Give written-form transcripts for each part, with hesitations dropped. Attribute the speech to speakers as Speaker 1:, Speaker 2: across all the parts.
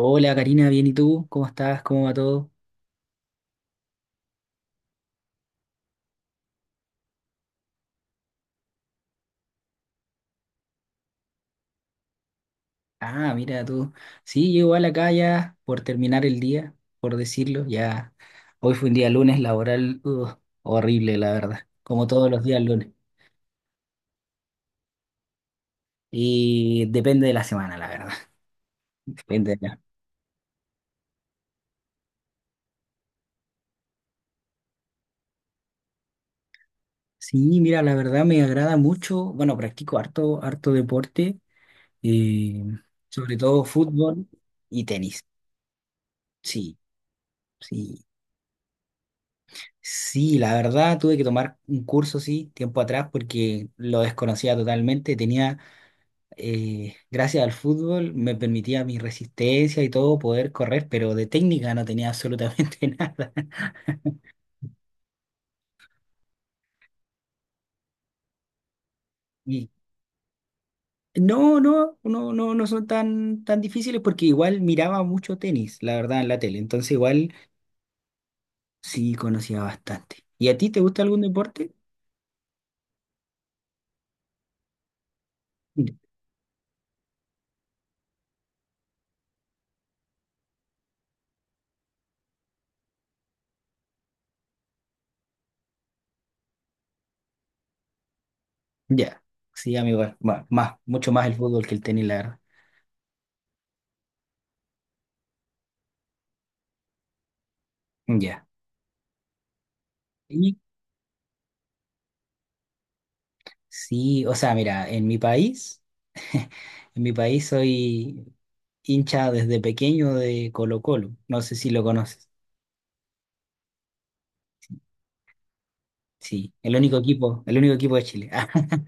Speaker 1: Hola Karina, bien, ¿y tú? ¿Cómo estás? ¿Cómo va todo? Ah, mira tú. Sí, yo igual acá ya por terminar el día, por decirlo, ya. Hoy fue un día lunes laboral, ugh, horrible, la verdad. Como todos los días lunes. Y depende de la semana, la verdad. Depende de la- Sí, mira, la verdad me agrada mucho. Bueno, practico harto, harto deporte, eh, sobre todo fútbol y tenis. Sí, sí. Sí, la verdad tuve que tomar un curso, sí, tiempo atrás porque lo desconocía totalmente. Tenía, gracias al fútbol, me permitía mi resistencia y todo poder correr, pero de técnica no tenía absolutamente nada. Y no, no, no, no, no son tan, tan difíciles porque igual miraba mucho tenis, la verdad, en la tele. Entonces igual sí conocía bastante. ¿Y a ti te gusta algún deporte? Ya, sí, amigo, bueno, mucho más el fútbol que el tenis, la verdad. Ya. Sí, o sea, mira, en mi país, en mi país soy hincha desde pequeño de Colo-Colo. No sé si lo conoces. Sí, el único equipo de Chile.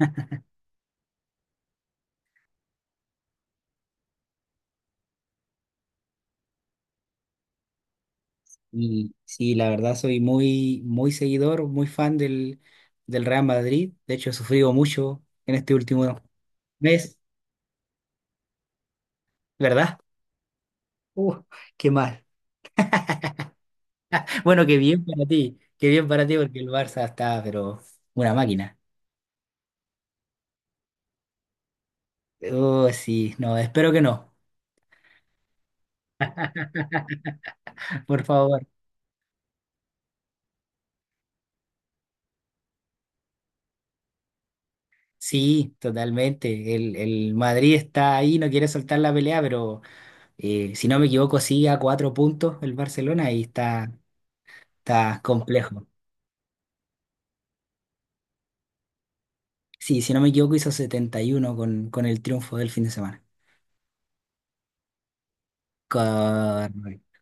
Speaker 1: Y sí, la verdad soy muy, muy seguidor, muy fan del Real Madrid. De hecho, he sufrido mucho en este último mes, ¿verdad? Uh, Qué mal. Bueno, qué bien para ti, qué bien para ti porque el Barça está, pero una máquina. Oh, sí, no, espero que no, por favor. Sí, totalmente. El Madrid está ahí, no quiere soltar la pelea, pero si no me equivoco, sigue a cuatro puntos el Barcelona y está, complejo. Sí, si no me equivoco, hizo 71 con el triunfo del fin de semana. Correcto.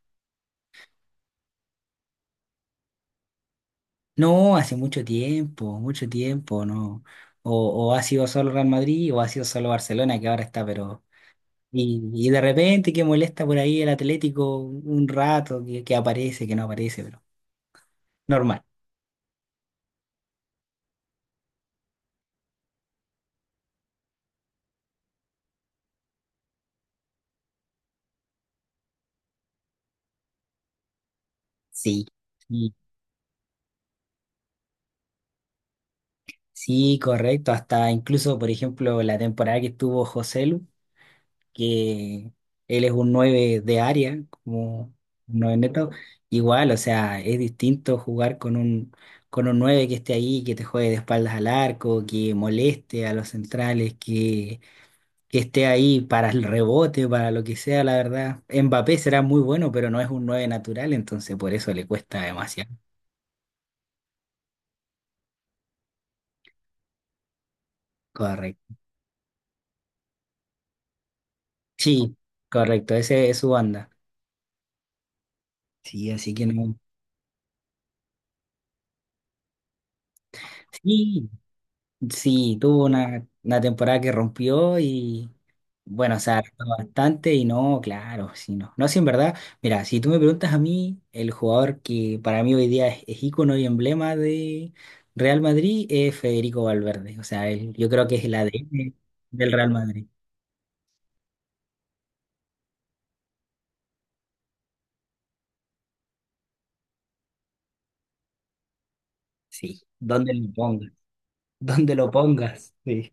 Speaker 1: No, hace mucho tiempo, no. O ha sido solo Real Madrid o ha sido solo Barcelona, que ahora está, pero. Y de repente que molesta por ahí el Atlético un rato, que, aparece, que no aparece, pero normal. Sí. Sí. Sí, correcto. Hasta incluso, por ejemplo, la temporada que estuvo que él es un 9 de área, como un 9 neto, igual, o sea, es distinto jugar con un 9 que esté ahí, que te juegue de espaldas al arco, que moleste a los centrales, que esté ahí para el rebote, para lo que sea, la verdad. Mbappé será muy bueno, pero no es un 9 natural, entonces por eso le cuesta demasiado. Correcto. Sí, correcto, ese es su banda. Sí, así que no. Sí, sí, tuvo una, temporada que rompió y bueno, se adaptó bastante y no, claro, sí, no. No, sí, en verdad, mira, si tú me preguntas a mí, el jugador que para mí hoy día es ícono y emblema de Real Madrid es Federico Valverde. O sea, yo creo que es el ADN del Real Madrid. Sí, donde lo pongas, donde lo pongas. Sí.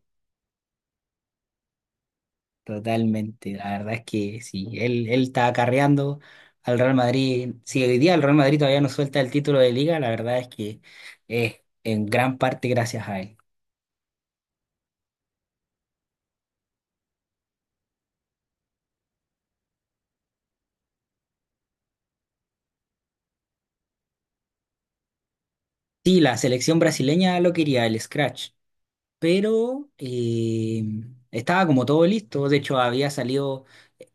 Speaker 1: Totalmente, la verdad es que sí, él está acarreando al Real Madrid. Si hoy día el Real Madrid todavía no suelta el título de liga, la verdad es que es en gran parte gracias a él. Sí, la selección brasileña lo quería, el Scratch, pero estaba como todo listo. De hecho, había salido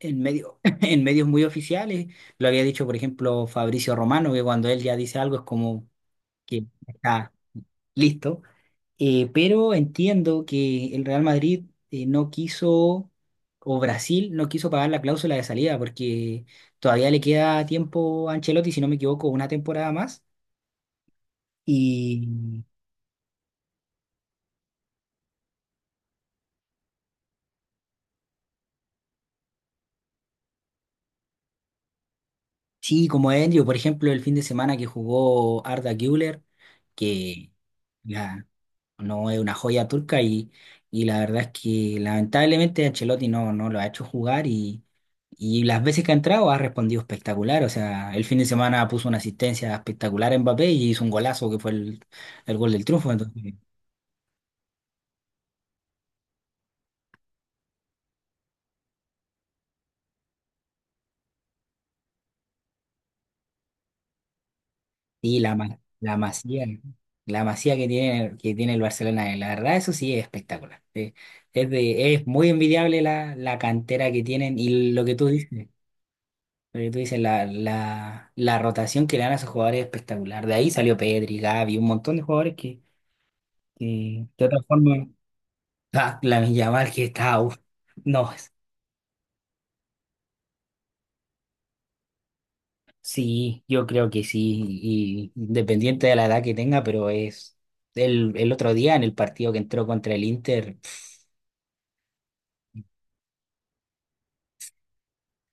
Speaker 1: en medio, en medios muy oficiales. Lo había dicho, por ejemplo, Fabricio Romano, que cuando él ya dice algo es como que está listo. Pero entiendo que el Real Madrid no quiso, o Brasil no quiso pagar la cláusula de salida, porque todavía le queda tiempo a Ancelotti, si no me equivoco, una temporada más. Y sí, como Endio, por ejemplo, el fin de semana que jugó Arda Güler, que la, No es una joya turca y la verdad es que lamentablemente Ancelotti no, lo ha hecho jugar y las veces que ha entrado ha respondido espectacular. O sea, el fin de semana puso una asistencia espectacular en Mbappé y hizo un golazo que fue el, gol del triunfo. Entonces, sí, la masía, que tiene el Barcelona, la verdad eso sí es espectacular. Es muy envidiable la, la, cantera que tienen y lo que tú dices. Lo que tú dices, la rotación que le dan a esos jugadores es espectacular. De ahí salió Pedri, Gavi, un montón de jugadores que de otra forma. Ah, Lamine Yamal que está. Uf. No, sí, yo creo que sí. Y independiente de la edad que tenga, pero es. El otro día en el partido que entró contra el Inter,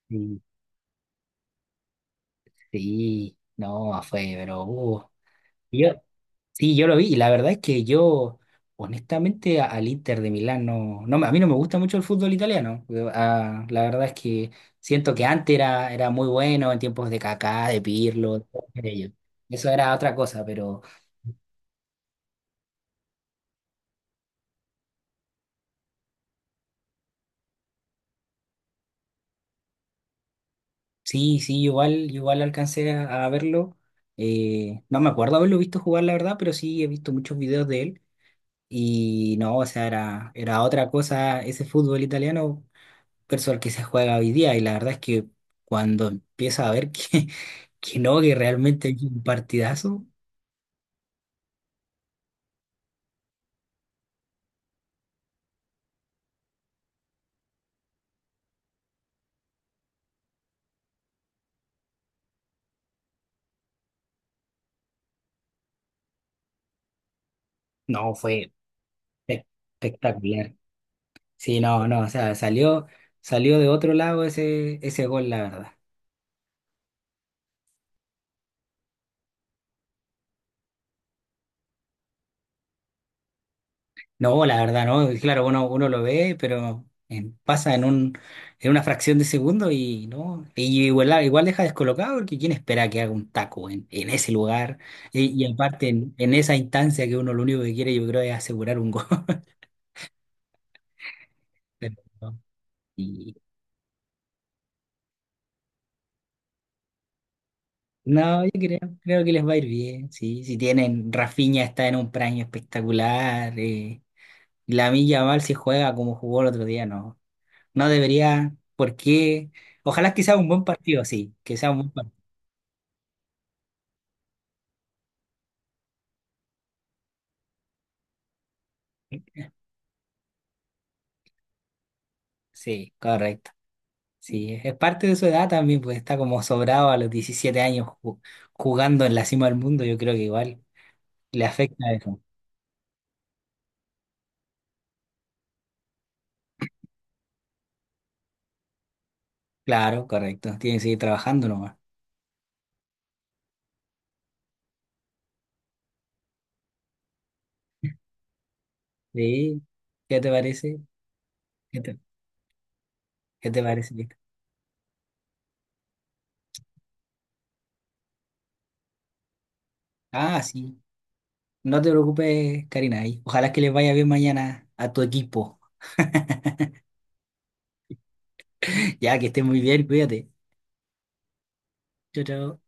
Speaker 1: sí, sí, no, fue, pero, yo, sí, yo lo vi y la verdad es que yo, honestamente, al Inter de Milán no, a mí no me gusta mucho el fútbol italiano. La verdad es que siento que antes era muy bueno en tiempos de Kaká, de Pirlo, de todos ellos. Eso era otra cosa, pero sí, sí, igual, igual alcancé a, verlo. No me acuerdo haberlo visto jugar, la verdad, pero sí he visto muchos videos de él y no, o sea, era otra cosa ese fútbol italiano, versus el que se juega hoy día. Y la verdad es que cuando empieza a ver que, que no, que realmente hay un partidazo, no, fue espe- espectacular. Sí, no, no, o sea, salió, de otro lado ese gol, la verdad. No, la verdad, no, y claro, uno, lo ve, pero pasa en una fracción de segundo y no, y igual, igual deja descolocado porque quién espera que haga un taco en, ese lugar, y aparte en esa instancia que uno lo único que quiere, yo creo, es asegurar un gol. Y no, yo creo que les va a ir bien, sí. Si tienen, Rafinha está en un prime espectacular. Y Lamine Yamal si juega como jugó el otro día, no. No debería, ¿por qué? Ojalá que sea un buen partido, sí, que sea un buen partido. Sí, correcto. Sí, es parte de su edad también, pues está como sobrado a los 17 años jugando en la cima del mundo, yo creo que igual le afecta eso. Claro, correcto. Tiene que seguir trabajando nomás. Sí, ¿qué te parece? ¿Qué te, qué te parece? Ah, sí. No te preocupes, Karina, y ojalá que les vaya bien mañana a tu equipo. Ya que estés muy bien, cuídate. Chao, chao.